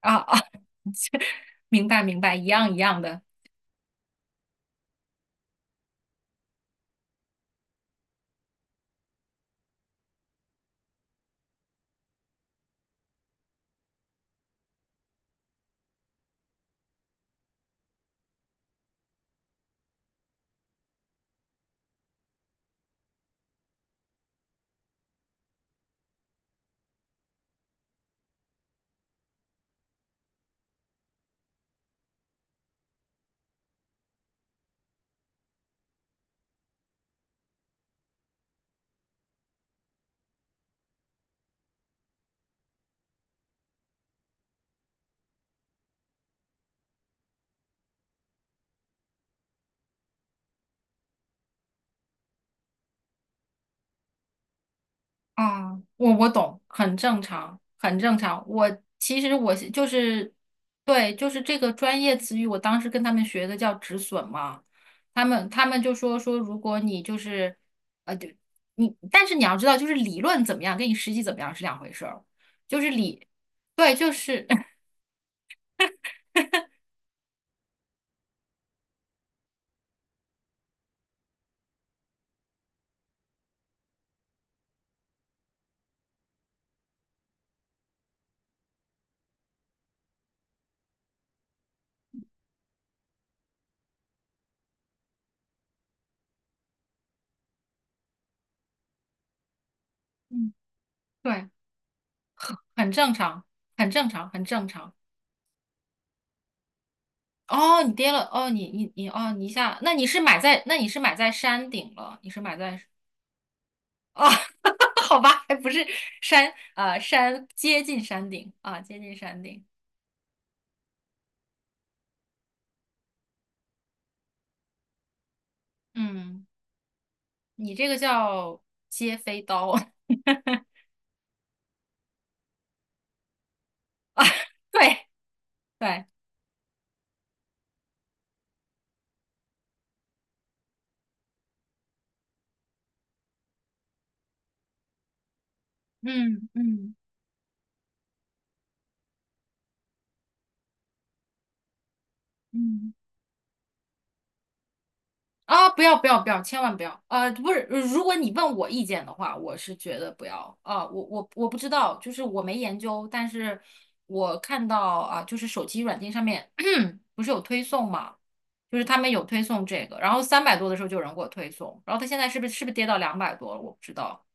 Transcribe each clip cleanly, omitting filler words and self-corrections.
啊啊，明白明白，一样一样的啊，我懂，很正常，很正常。我其实就是，对，就是这个专业词语，我当时跟他们学的叫止损嘛，他们就说，如果你就是对你，但是你要知道，就是理论怎么样，跟你实际怎么样是两回事儿，就是理，对，就是，嗯，对，很正常，很正常，很正常。哦，你跌了，哦，你，哦，你一下，那你是买在山顶了，你是买在，哦，好吧，还不是山，啊，山接近山顶啊，接近山顶，嗯，你这个叫接飞刀，对对，嗯嗯嗯。啊，不要不要不要，千万不要！不是，如果你问我意见的话，我是觉得不要啊、我不知道，就是我没研究，但是我看到啊、就是手机软件上面 不是有推送嘛，就是他们有推送这个，然后三百多的时候就有人给我推送，然后他现在是不是跌到200多了？我不知道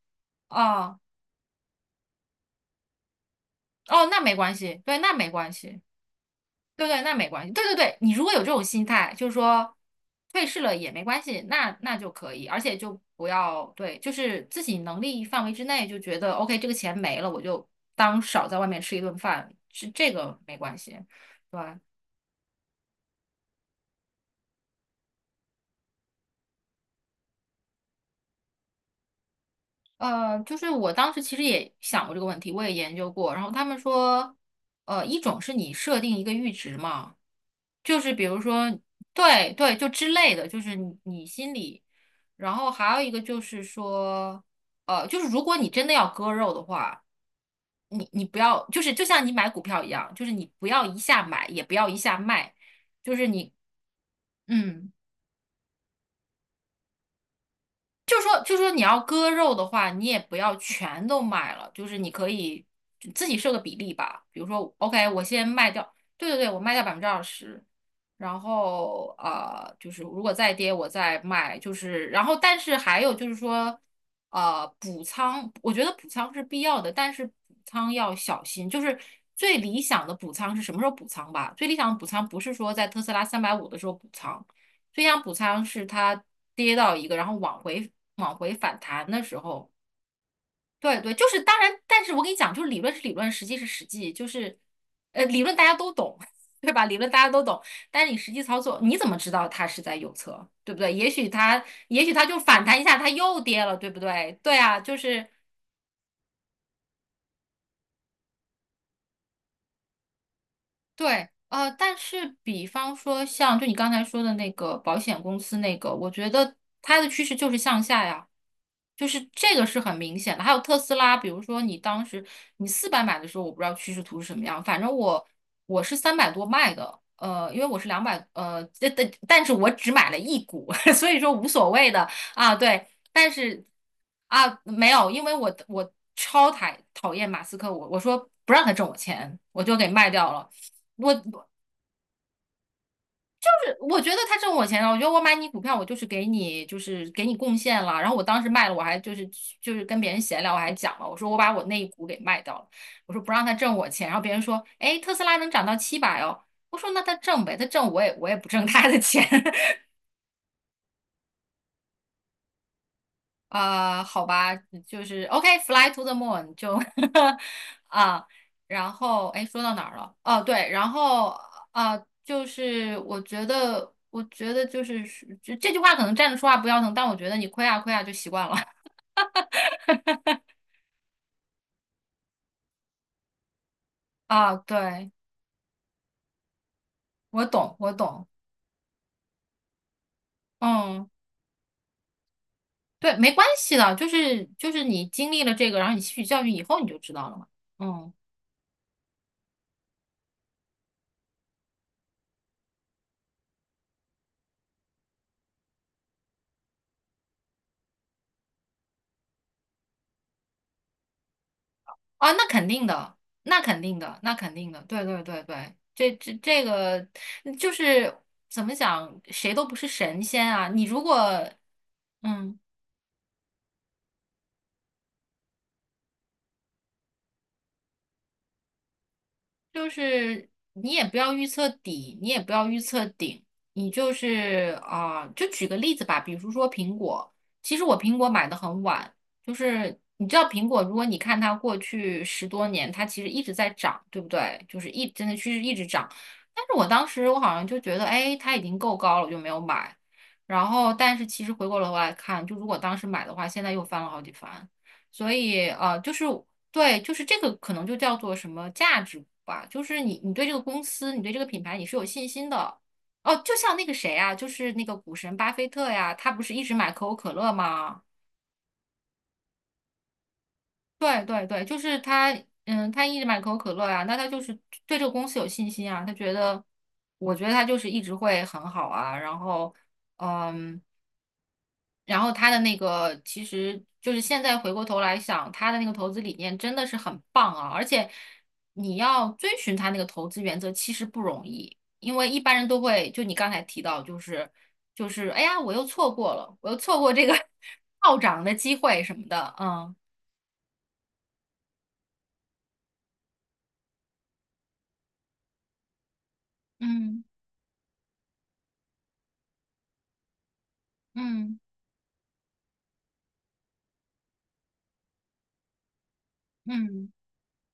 啊。哦，那没关系，对，那没关系。对对，那没关系。对对对，你如果有这种心态，就是说退市了也没关系，那就可以，而且就不要对，就是自己能力范围之内，就觉得 OK，这个钱没了，我就当少在外面吃一顿饭，是这个没关系。对，吧？就是我当时其实也想过这个问题，我也研究过。然后他们说，一种是你设定一个阈值嘛，就是比如说，对对，就之类的，就是你心里。然后还有一个就是说，就是如果你真的要割肉的话，你不要，就是就像你买股票一样，就是你不要一下买，也不要一下卖，就是你，嗯。就说你要割肉的话，你也不要全都卖了，就是你可以自己设个比例吧。比如说，OK，我先卖掉，对对对，我卖掉百分之二十，然后就是如果再跌我再卖，就是然后但是还有就是说，补仓，我觉得补仓是必要的，但是补仓要小心，就是最理想的补仓是什么时候补仓吧？最理想的补仓不是说在特斯拉350的时候补仓。飞翔补仓是它跌到一个，然后往回反弹的时候，对对，就是当然，但是我跟你讲，就是理论是理论，实际是实际，就是理论大家都懂，对吧？理论大家都懂，但是你实际操作，你怎么知道它是在右侧，对不对？也许它就反弹一下，它又跌了，对不对？对啊，就是。对，但是比方说像就你刚才说的那个保险公司那个，我觉得它的趋势就是向下呀，就是这个是很明显的。还有特斯拉，比如说你当时400买的时候，我不知道趋势图是什么样，反正我是三百多卖的，因为我是两百，但是我只买了一股，所以说无所谓的啊，对，但是。啊，没有，因为我超讨厌马斯克，我说不让他挣我钱，我就给卖掉了。我我觉得他挣我钱了，我觉得我买你股票，我就是给你贡献了。然后我当时卖了，我还就是跟别人闲聊，我还讲了，我说我把我那一股给卖掉了，我说不让他挣我钱。然后别人说，哎，特斯拉能涨到700哦，我说那他挣呗，他挣我也不挣他的钱。啊、好吧，就是 OK，Fly、to the Moon 就 啊，然后哎，说到哪儿了？哦、对，然后啊、就是我觉得，我觉得就是这句话可能站着说话不腰疼，但我觉得你亏啊亏啊就习惯了 啊。对，我懂，我懂，嗯，对，没关系的，就是你经历了这个，然后你吸取教训以后，你就知道了嘛。嗯。啊，那肯定的，那肯定的，那肯定的，对对对对，这个就是怎么讲，谁都不是神仙啊。你如果嗯。就是你也不要预测底，你也不要预测顶，你就是啊、就举个例子吧，比如说苹果，其实我苹果买的很晚，就是你知道苹果，如果你看它过去10多年，它其实一直在涨，对不对？就是真的趋势一直涨，但是我当时好像就觉得，哎，它已经够高了，我就没有买。然后，但是其实回过头来看，就如果当时买的话，现在又翻了好几番。所以就是对，就是这个可能就叫做什么价值吧，就是你对这个公司，你对这个品牌你是有信心的。哦，就像那个谁啊，就是那个股神巴菲特呀，他不是一直买可口可乐吗？对对对，就是他，嗯，他一直买可口可乐呀，那他就是对这个公司有信心啊，他觉得，我觉得他就是一直会很好啊，然后，嗯。然后他的那个其实就是现在回过头来想，他的那个投资理念真的是很棒啊，而且你要遵循他那个投资原则其实不容易，因为一般人都会就你刚才提到，就是哎呀，我又错过了，我又错过这个 暴涨的机会什么的，嗯嗯嗯嗯。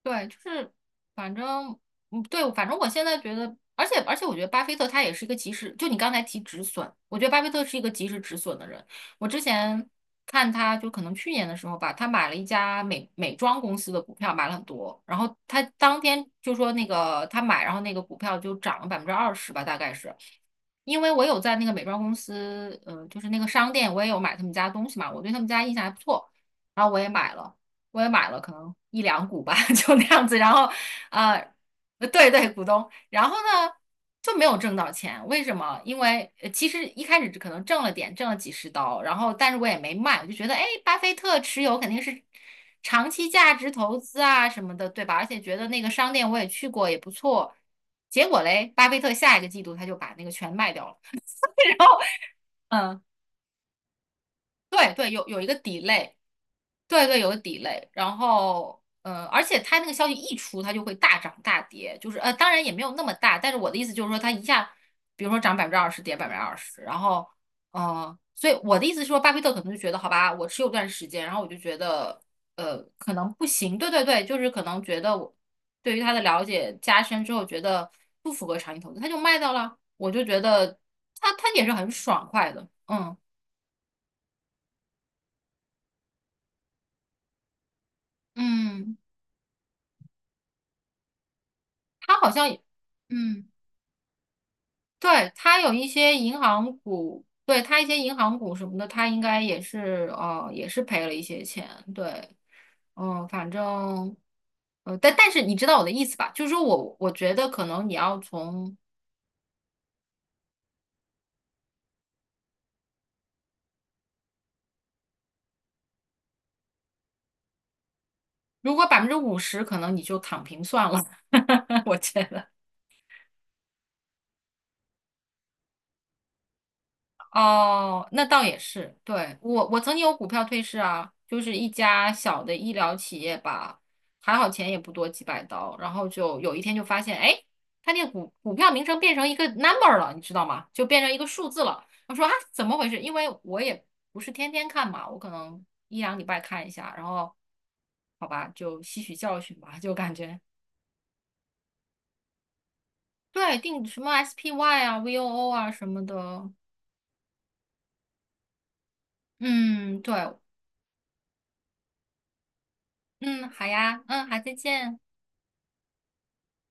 对，就是反正，嗯，对，反正我现在觉得，而且而且，我觉得巴菲特他也是一个及时，就你刚才提止损，我觉得巴菲特是一个及时止损的人。我之前看他，就可能去年的时候吧，他买了一家美妆公司的股票，买了很多，然后他当天就说那个他买，然后那个股票就涨了百分之二十吧，大概是。因为我有在那个美妆公司，嗯、就是那个商店，我也有买他们家东西嘛，我对他们家印象还不错，然后我也买了。可能一两股吧，就那样子。然后，呃，对对，股东。然后呢，就没有挣到钱。为什么？因为其实一开始可能挣了点，挣了几十刀。然后，但是我也没卖，我就觉得，哎，巴菲特持有肯定是长期价值投资啊什么的，对吧？而且觉得那个商店我也去过，也不错。结果嘞，巴菲特下一个季度他就把那个全卖掉了。然后，嗯，对对，有一个 delay。对对，有个 d e 然后而且它那个消息一出，它就会大涨大跌，就是当然也没有那么大，但是我的意思就是说，它一下，比如说涨百分之二十，跌百分之二十，然后所以我的意思是说，巴菲特可能就觉得好吧，我持有段时间，然后我就觉得可能不行，对对对，就是可能觉得我对于他的了解加深之后，觉得不符合长期投资，他就卖掉了，我就觉得他也是很爽快的，嗯嗯，他好像也嗯。对，它有一些银行股，对，它一些银行股什么的，它应该也是也是赔了一些钱，对，嗯，反正但是你知道我的意思吧？就是说我觉得可能你要从如果50%，可能你就躺平算了，我觉得。哦，那倒也是。对，我曾经有股票退市啊，就是一家小的医疗企业吧，还好钱也不多，几百刀。然后就有一天就发现，哎，它那个股票名称变成一个 number 了，你知道吗？就变成一个数字了。我说啊，怎么回事？因为我也不是天天看嘛，我可能一两礼拜看一下，然后好吧，就吸取教训吧，就感觉对定什么 SPY 啊、VOO 啊什么的。嗯，对，嗯，好呀，嗯，好，再见。